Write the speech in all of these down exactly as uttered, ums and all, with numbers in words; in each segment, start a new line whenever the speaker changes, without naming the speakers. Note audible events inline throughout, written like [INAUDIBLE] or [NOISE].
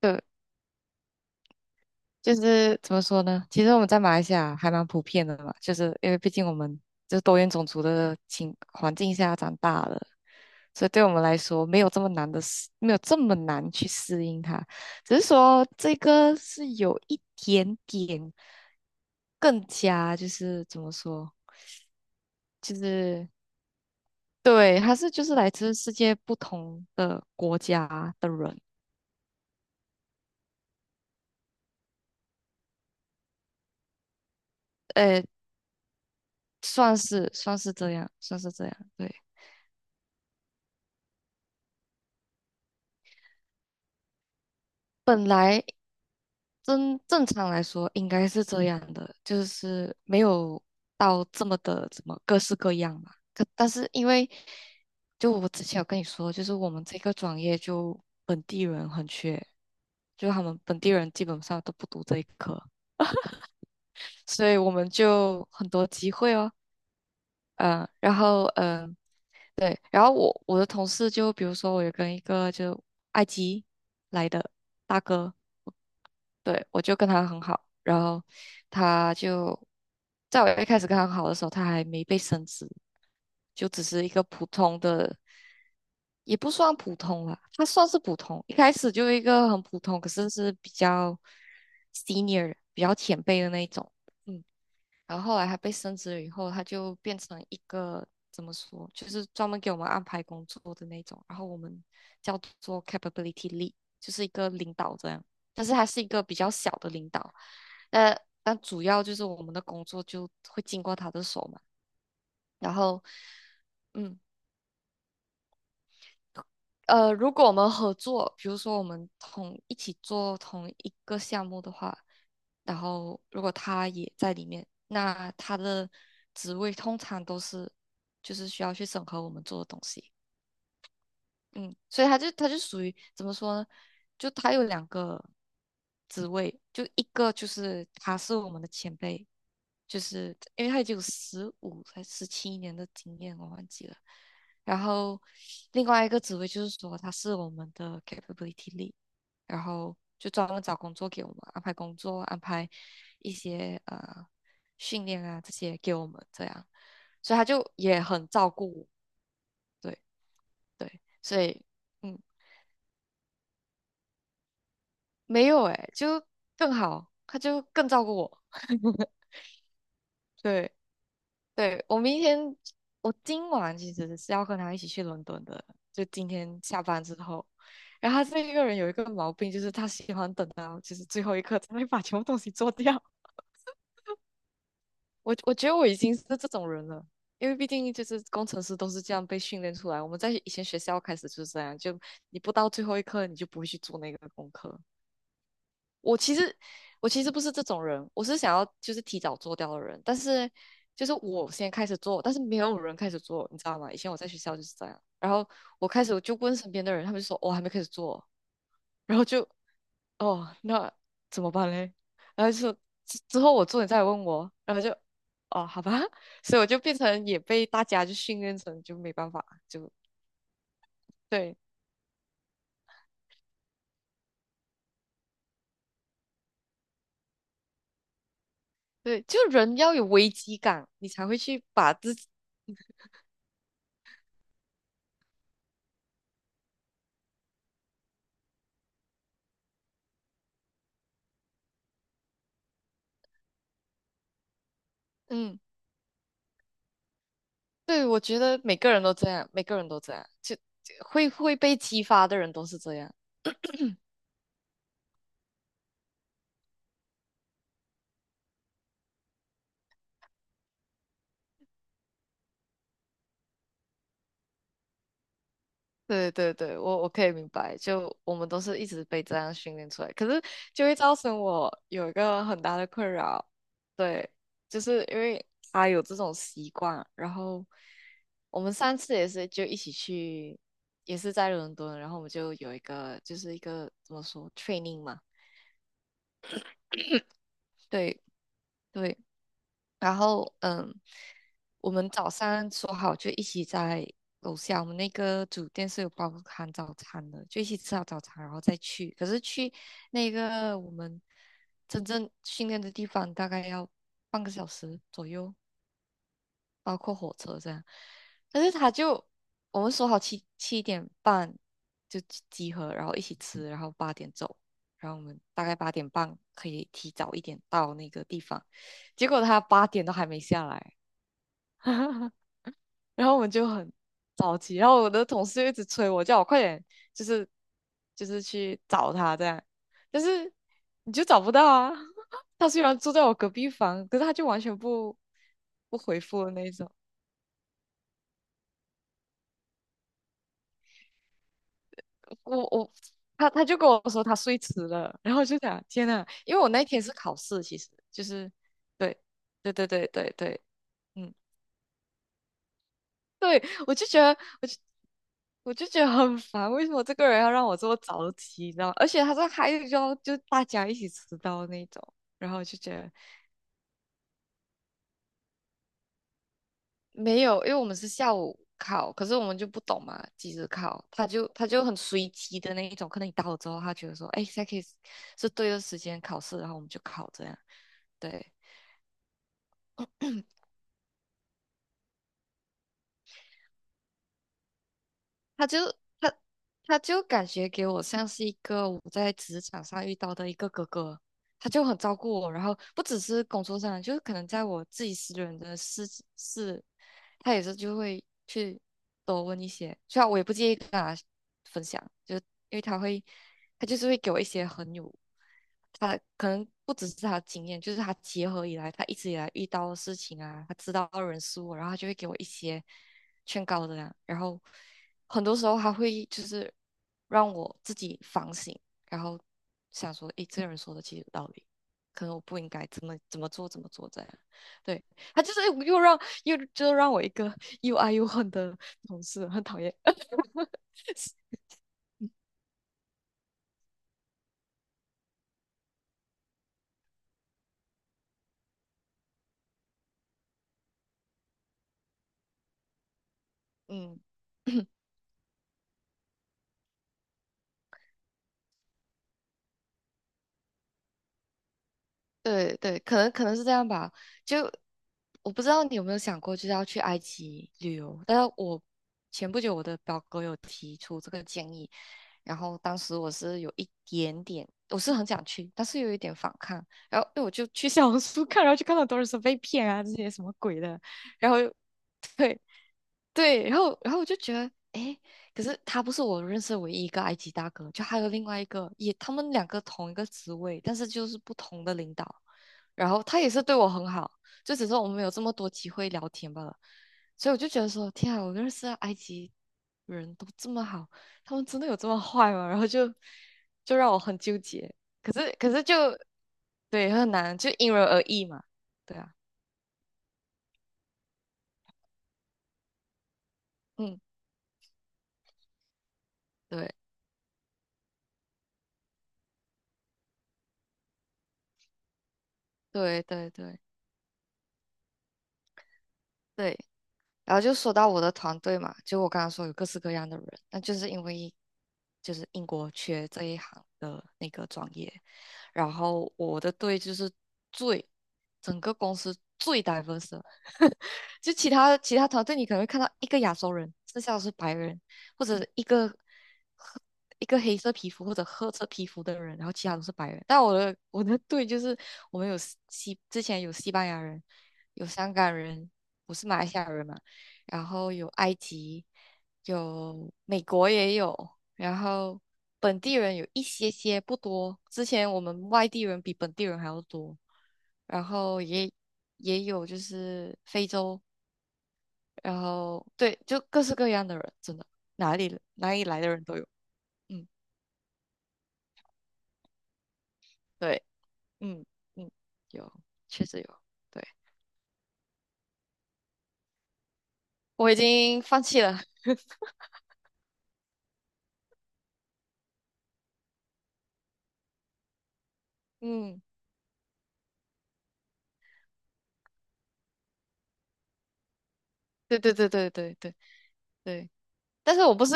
对，就是怎么说呢？其实我们在马来西亚还蛮普遍的嘛，就是因为毕竟我们就是多元种族的情环境下长大的，所以对我们来说没有这么难的适，没有这么难去适应它。只是说这个是有一点点更加就是怎么说，就是对，他是就是来自世界不同的国家的人，呃，算是算是这样，算是这样，对。本来正正常来说应该是这样的，就是没有到这么的怎么各式各样嘛。可但是因为就我之前有跟你说，就是我们这个专业就本地人很缺，就他们本地人基本上都不读这一科，所以我们就很多机会哦。嗯、然后嗯、呃对，然后我我的同事就比如说我有跟一个就埃及来的大哥。对，我就跟他很好，然后他就在我一开始跟他很好的时候，他还没被升职，就只是一个普通的，也不算普通啦，他算是普通，一开始就一个很普通，可是是比较 senior 比较前辈的那一种，嗯然后后来他被升职了以后，他就变成一个怎么说，就是专门给我们安排工作的那种，然后我们叫做 capability lead，就是一个领导这样，但是他是一个比较小的领导，呃，但主要就是我们的工作就会经过他的手嘛，然后，嗯，呃，如果我们合作，比如说我们同一起做同一个项目的话，然后如果他也在里面，那他的职位通常都是就是需要去审核我们做的东西。嗯，所以他就他就属于怎么说呢？就他有两个职位，就一个就是他是我们的前辈，就是因为他已经有十五才十七年的经验，我忘记了。然后另外一个职位就是说他是我们的 capability lead，然后就专门找工作给我们安排工作，安排一些呃训练啊这些给我们这样，所以他就也很照顾我，对对，所以。嗯。没有哎，就更好，他就更照顾我。[LAUGHS] 对对，我明天我今晚其实是要跟他一起去伦敦的，就今天下班之后。然后他这一个人有一个毛病，就是他喜欢等到就是最后一刻才会把全部东西做掉。我我觉得我已经是这种人了，因为毕竟就是工程师都是这样被训练出来。我们在以前学校开始就是这样，就你不到最后一刻，你就不会去做那个功课。我其实我其实不是这种人，我是想要就是提早做掉的人，但是就是我先开始做，但是没有人开始做，你知道吗？以前我在学校就是这样，然后我开始我就问身边的人，他们就说我、哦还没开始做，然后就哦那怎么办嘞？然后就说之之后我做你再来问我，然后就哦好吧，所以我就变成也被大家就训练成就没办法，就对对，就人要有危机感，你才会去把自己嗯。对，我觉得每个人都这样，每个人都这样，就就会会被激发的人都是这样。对对对，我我可以明白，就我们都是一直被这样训练出来，可是就会造成我有一个很大的困扰，对，就是因为他有这种习惯，然后我们上次也是就一起去，也是在伦敦，然后我们就有一个就是一个怎么说 training 嘛，对对，然后嗯，我们早上说好就一起在楼下，我们那个酒店是有包含早餐的，就一起吃好早餐，然后再去。可是去那个我们真正训练的地方大概要半个小时左右，包括火车这样。但是他就我们说好七七点半就集集合，然后一起吃，然后八点走。然后我们大概八点半可以提早一点到那个地方，结果他八点都还没下来，[LAUGHS] 然后我们就很着急，然后我的同事就一直催我，叫我快点，就是就是去找他这样，但是你就找不到啊。[LAUGHS] 他虽然住在我隔壁房，可是他就完全不不回复的那一种。我我他他就跟我说他睡迟了，然后我就想天呐，因为我那一天是考试，其实就是对对对对对对，嗯。[LAUGHS] 对，我就觉得，我就我就觉得很烦，为什么这个人要让我这么早起，你知道吗？而且他说还有要就大家一起迟到那种，然后就觉得没有，因为我们是下午考，可是我们就不懂嘛，几时考，他就他就很随机的那一种，可能你到了之后，他觉得说，哎，现在可以是是对的时间考试，然后我们就考这样，对，他就他他就感觉给我像是一个我在职场上遇到的一个哥哥。他就很照顾我，然后不只是工作上，就是可能在我自己私人的事事，他也是就会去多问一些。虽然我也不介意跟他分享，就因为他会，他就是会给我一些很有，他可能不只是他的经验，就是他结合以来，他一直以来遇到的事情啊，他知道的人事物，然后他就会给我一些劝告的啦。然后很多时候他会就是让我自己反省。然后想说，诶，这个人说的其实有道理，可能我不应该怎么怎么做怎么做这样。对，他就是又让又就让我一个又爱又恨的同事，很讨厌。[LAUGHS] 嗯。[CLEARS THROAT] 对对，可能可能是这样吧。就我不知道你有没有想过，就是要去埃及旅游。但是我前不久我的表哥有提出这个建议，然后当时我是有一点点，我是很想去，但是有一点反抗。然后因为我就去 [LAUGHS] 小红书看，然后就看到很多人说被骗啊，这些什么鬼的，然后。[LAUGHS] 对。对，然后然后我就觉得，诶，可是他不是我认识的唯一一个埃及大哥，就还有另外一个，也他们两个同一个职位，但是就是不同的领导。然后他也是对我很好，就只是我们没有这么多机会聊天罢了。所以我就觉得说，天啊，我认识的埃及人都这么好，他们真的有这么坏吗？然后就就让我很纠结。可是可是就对，很难，就因人而异嘛。对啊，嗯，对对对对对。然后就说到我的团队嘛，就我刚刚说有各式各样的人，那就是因为就是英国缺这一行的那个专业，然后我的队就是最整个公司最 diverse，的 [LAUGHS] 就其他其他团队你可能会看到一个亚洲人，剩下的是白人或者一个褐一个黑色皮肤或者褐色皮肤的人，然后其他都是白人。但我的我的队就是我们有西之前有西班牙人，有香港人，我是马来西亚人嘛。然后有埃及，有美国也有，然后本地人有一些些不多，之前我们外地人比本地人还要多，然后也也有就是非洲，然后对，就各式各样的人，真的哪里哪里来的人都有，嗯，对，嗯嗯，有，确实有，对，我已经放弃了，嗯，对对对对对对对。但是我不是，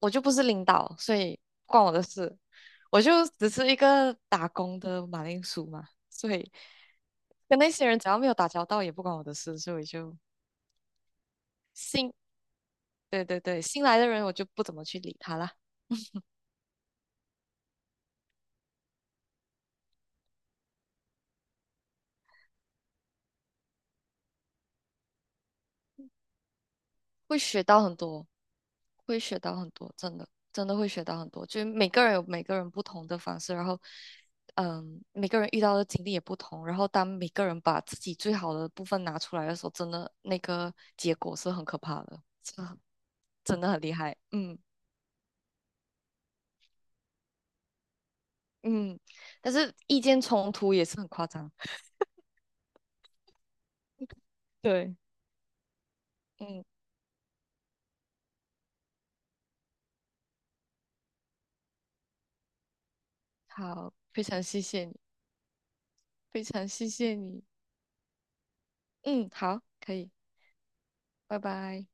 我就不是领导，所以不关我的事，我就只是一个打工的马铃薯嘛，所以跟那些人只要没有打交道，也不关我的事，所以就新，对对对，新来的人我就不怎么去理他啦，会学到很多，会学到很多，真的真的会学到很多，就是每个人有每个人不同的方式，然后。嗯，每个人遇到的经历也不同，然后当每个人把自己最好的部分拿出来的时候，真的那个结果是很可怕的。真的很厉害，嗯嗯，但是意见冲突也是很夸张，对，嗯，好，非常谢谢你，非常谢谢你，嗯，好，可以，拜拜。